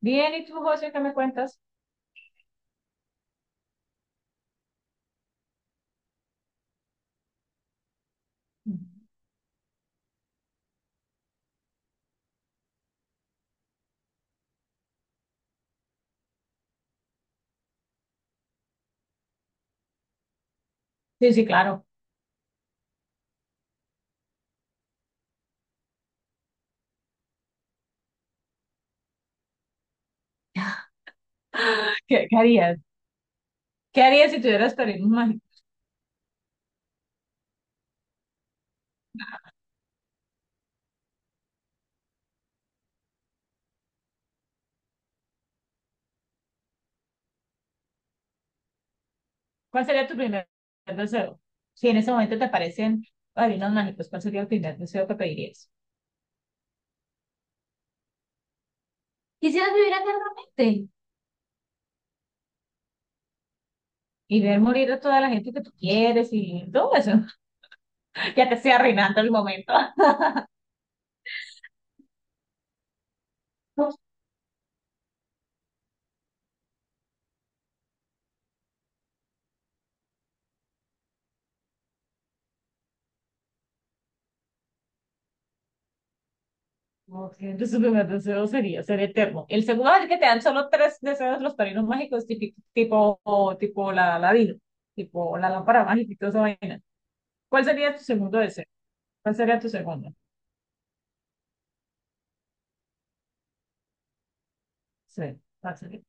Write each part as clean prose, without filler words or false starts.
Bien, ¿y tú, José, qué me cuentas? Sí, sí, claro. ¿Qué harías? ¿Qué harías si tuvieras padrinos mágicos? ¿Cuál sería tu primer deseo? Si en ese momento te aparecen padrinos mágicos, ¿cuál sería el primer deseo que pedirías? Quisieras vivir eternamente. Y ver morir a toda la gente que tú quieres y todo eso. Ya te estoy arruinando el momento. Ok, entonces, el primer deseo sería ser eterno. El segundo es el que te dan solo tres deseos los padrinos mágicos, tipo, tipo la ladino, tipo la lámpara mágica y toda esa vaina. ¿Cuál sería tu segundo deseo? ¿Cuál sería tu segundo? Sí, ¿cuál sería?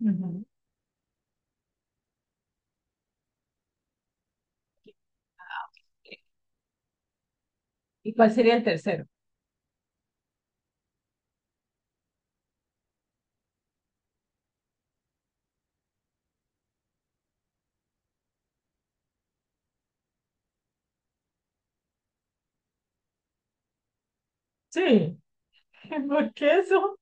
Ujú. ¿Y cuál sería el tercero? Sí, ¿por qué eso?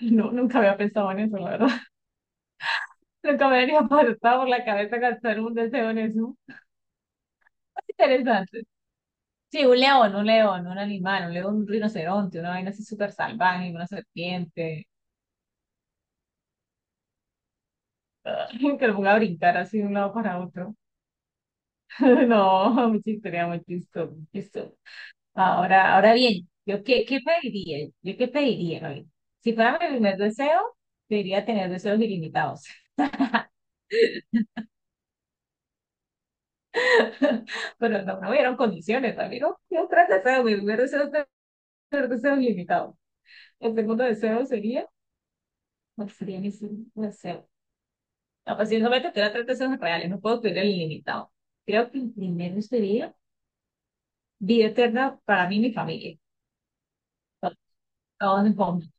No, nunca había pensado en eso, la verdad. Nunca me había pasado por la cabeza gastar un deseo en eso. Interesante. Sí, un león, un león, un animal, un león, un rinoceronte, una vaina así súper salvaje, una serpiente, ah, que lo ponga a brincar así de un lado para otro. No, mucha historia, muy chistoso, muy chistoso. Ahora bien, ¿yo qué pediría? ¿Yo qué pediría, Gaby? Si fuera mi primer deseo, pediría tener deseos ilimitados. Pero no, no hubieron condiciones, amigo. Yo tres deseos, mi primer deseo es tener deseos ilimitados. El segundo deseo sería, ¿cuál sería mi segundo deseo? No, pues si no me tendrá tres deseos reales, no puedo pedir el ilimitado. Creo que el primero sería vida eterna para mí y mi familia. To- Todos en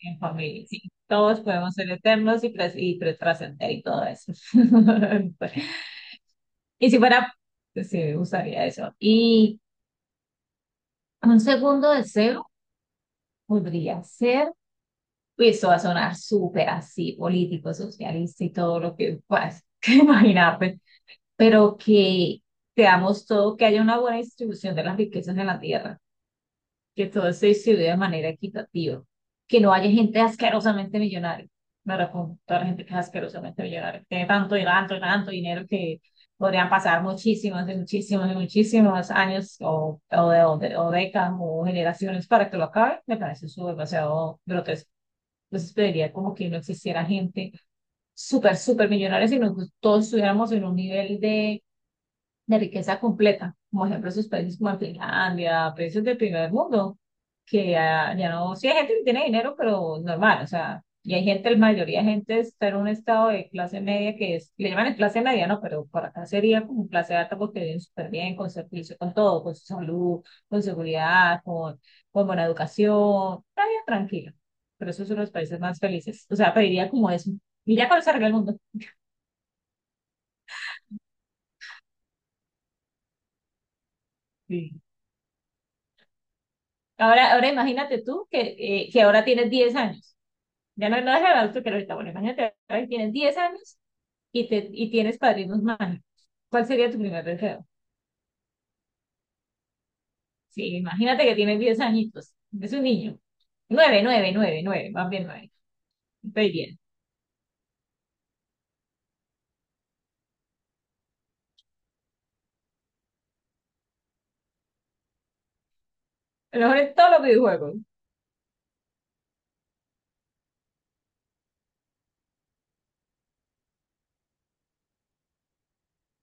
en familia, sí. Todos podemos ser eternos y, trascender y todo eso. Y si fuera, pues, sí, me gustaría eso. Y un segundo deseo podría ser, y esto va a sonar súper así, político, socialista y todo lo que puedas imaginar, pero que creamos todo, que haya una buena distribución de las riquezas en la tierra, que todo se distribuya de manera equitativa, que no haya gente asquerosamente millonaria. Me refiero toda la gente que es asquerosamente millonaria, que tiene tanto y tanto y tanto dinero que podrían pasar muchísimos y muchísimos y muchísimos años o décadas o generaciones para que lo acabe, me parece eso demasiado grotesco. Entonces pediría como que no existiera gente súper, súper millonaria, sino que todos estuviéramos en un nivel de riqueza completa, como ejemplo esos países como Finlandia, países del primer mundo, que ya no, sí hay gente que tiene dinero, pero normal, o sea, y hay gente, la mayoría de gente está en un estado de clase media que es, le llaman clase media, no, pero por acá sería como clase alta porque viven súper bien, con servicio, con todo, con su salud, con seguridad, con buena educación, está bien tranquilo, pero esos son los países más felices, o sea, pediría como eso, y ya con eso arregla el mundo. Ahora imagínate tú que ahora tienes 10 años. Ya no, no es el adulto que era ahorita, bueno, imagínate, ahora que tienes 10 años y tienes padrinos mágicos. ¿Cuál sería tu primer deseo? Sí, imagínate que tienes 10 añitos, es un niño. Nueve 9 9 9 más bien 9. Estoy bien. A lo mejor en todos los videojuegos.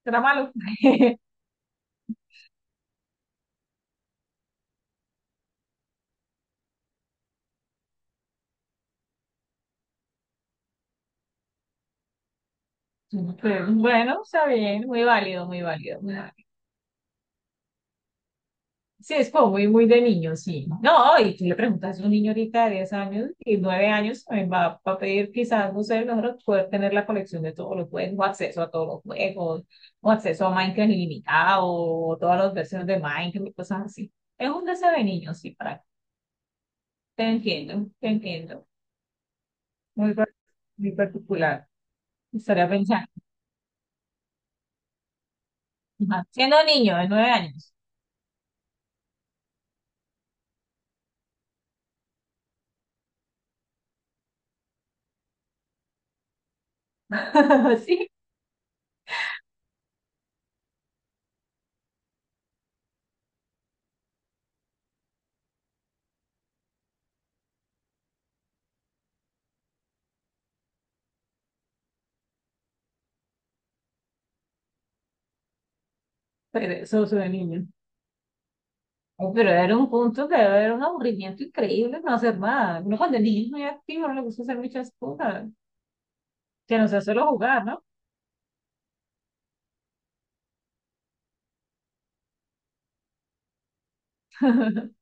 Será malo. Pero, bueno, está bien, muy válido, muy válido, muy válido. Sí, es como muy, muy de niño, sí. No, y tú le preguntas a un niño ahorita de 10 años y 9 años, también va a pedir quizás, no sé, nosotros poder tener la colección de todos los juegos, o acceso a todos los juegos, o acceso a Minecraft ilimitado, o todas las versiones de Minecraft y cosas así. Es un deseo de niño, sí, para Te entiendo, te entiendo. Muy, par- muy particular. Estaría pensando, ajá, siendo niño de 9 años. Sí, pero eso es de niño. Ay, pero era un punto que era un aburrimiento increíble no hacer nada. Uno cuando el niño es muy activo no le gusta hacer muchas cosas. Que no sea solo jugar, ¿no?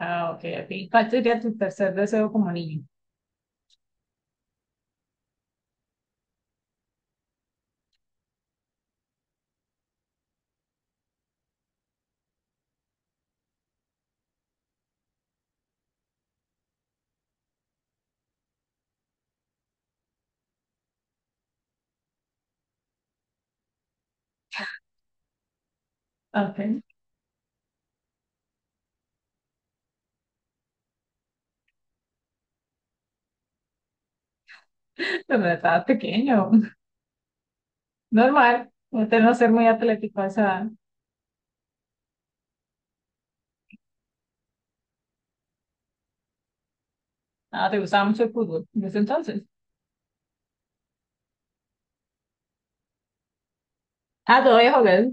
Ah, ok, ok. ¿Cuál sería tu tercer deseo como niño? Ok. Cuando estabas pequeño. Normal. Usted no ser muy atlético a esa edad. Ah, te gustaba mucho el fútbol. Desde entonces. Ah, todavía jugar.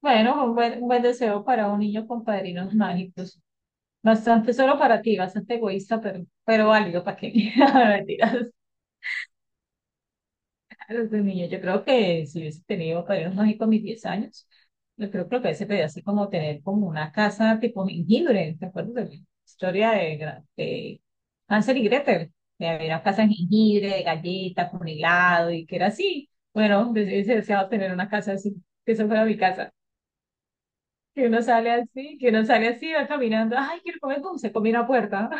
Bueno, un buen deseo para un niño con padrinos mágicos. Bastante solo para ti, bastante egoísta, pero válido para que. Mentira. A los de niño. Yo creo que si hubiese tenido padrinos mágicos a mis 10 años, yo creo que lo que hubiese pedido así como tener como una casa tipo jengibre. ¿Te acuerdas de la historia de Hansel y Gretel? De había una casa en jengibre, de galletas, con helado y que era así. Bueno, yo hubiese deseado tener una casa así, que eso fuera mi casa. Que uno sale así, va caminando, ay, quiero comer dulce, comí una puerta.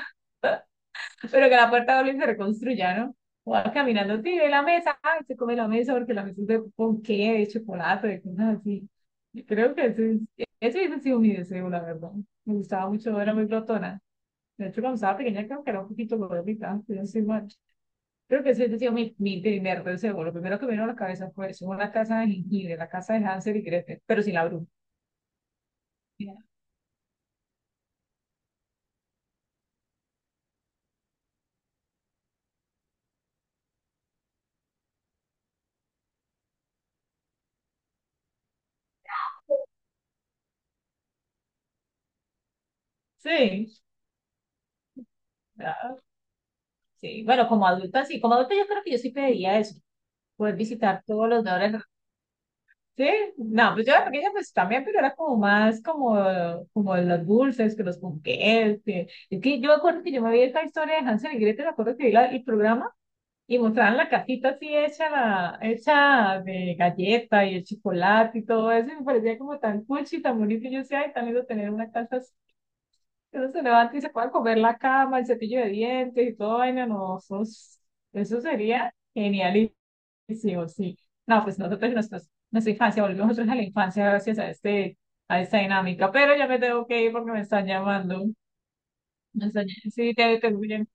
Pero que la puerta doble se reconstruya, ¿no? O va caminando, tire la mesa, ay, se come la mesa porque la mesa es de ponqué, de chocolate, de cosas así. Yo creo que ese hubiese sido mi deseo, la verdad. Me gustaba mucho, era muy glotona. De hecho, cuando estaba pequeña, creo que era un poquito gordita, pero no soy mal. Creo que ese hubiese sido mi primer deseo. Lo primero que me vino a la cabeza fue eso, una casa de jengibre, la casa de Hansel y Gretel, pero sin la bruja. Sí, ah, sí. Bueno, como adulta, sí. Como adulta yo creo que yo sí pediría eso, poder visitar todos los lugares. Sí, no, pues yo era pequeña pues también, pero era como más como los dulces, que los ponqués, que, es que yo me acuerdo que yo me vi esta historia de Hansel y Gretel, me acuerdo que vi el programa y mostraban la casita así hecha, hecha de galleta y el chocolate y todo eso, y me parecía como tan cuchi, tan bonito, y yo decía, ay, tan lindo tener una casa así, que uno se levanta y se pueda comer la cama, el cepillo de dientes y todo, vaina, no, eso sería genial. Sí, sí, o sí. No, pues nosotros en nuestra infancia, volvemos nosotros a la infancia gracias a esta dinámica. Pero ya me tengo que ir porque me están llamando. Me están- sí.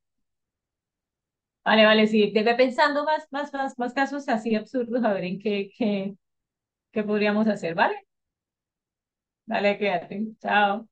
Vale, vale, sí. Te voy pensando más, más, más, más casos así absurdos, a ver en qué, qué podríamos hacer, ¿vale? Dale, quédate. Chao.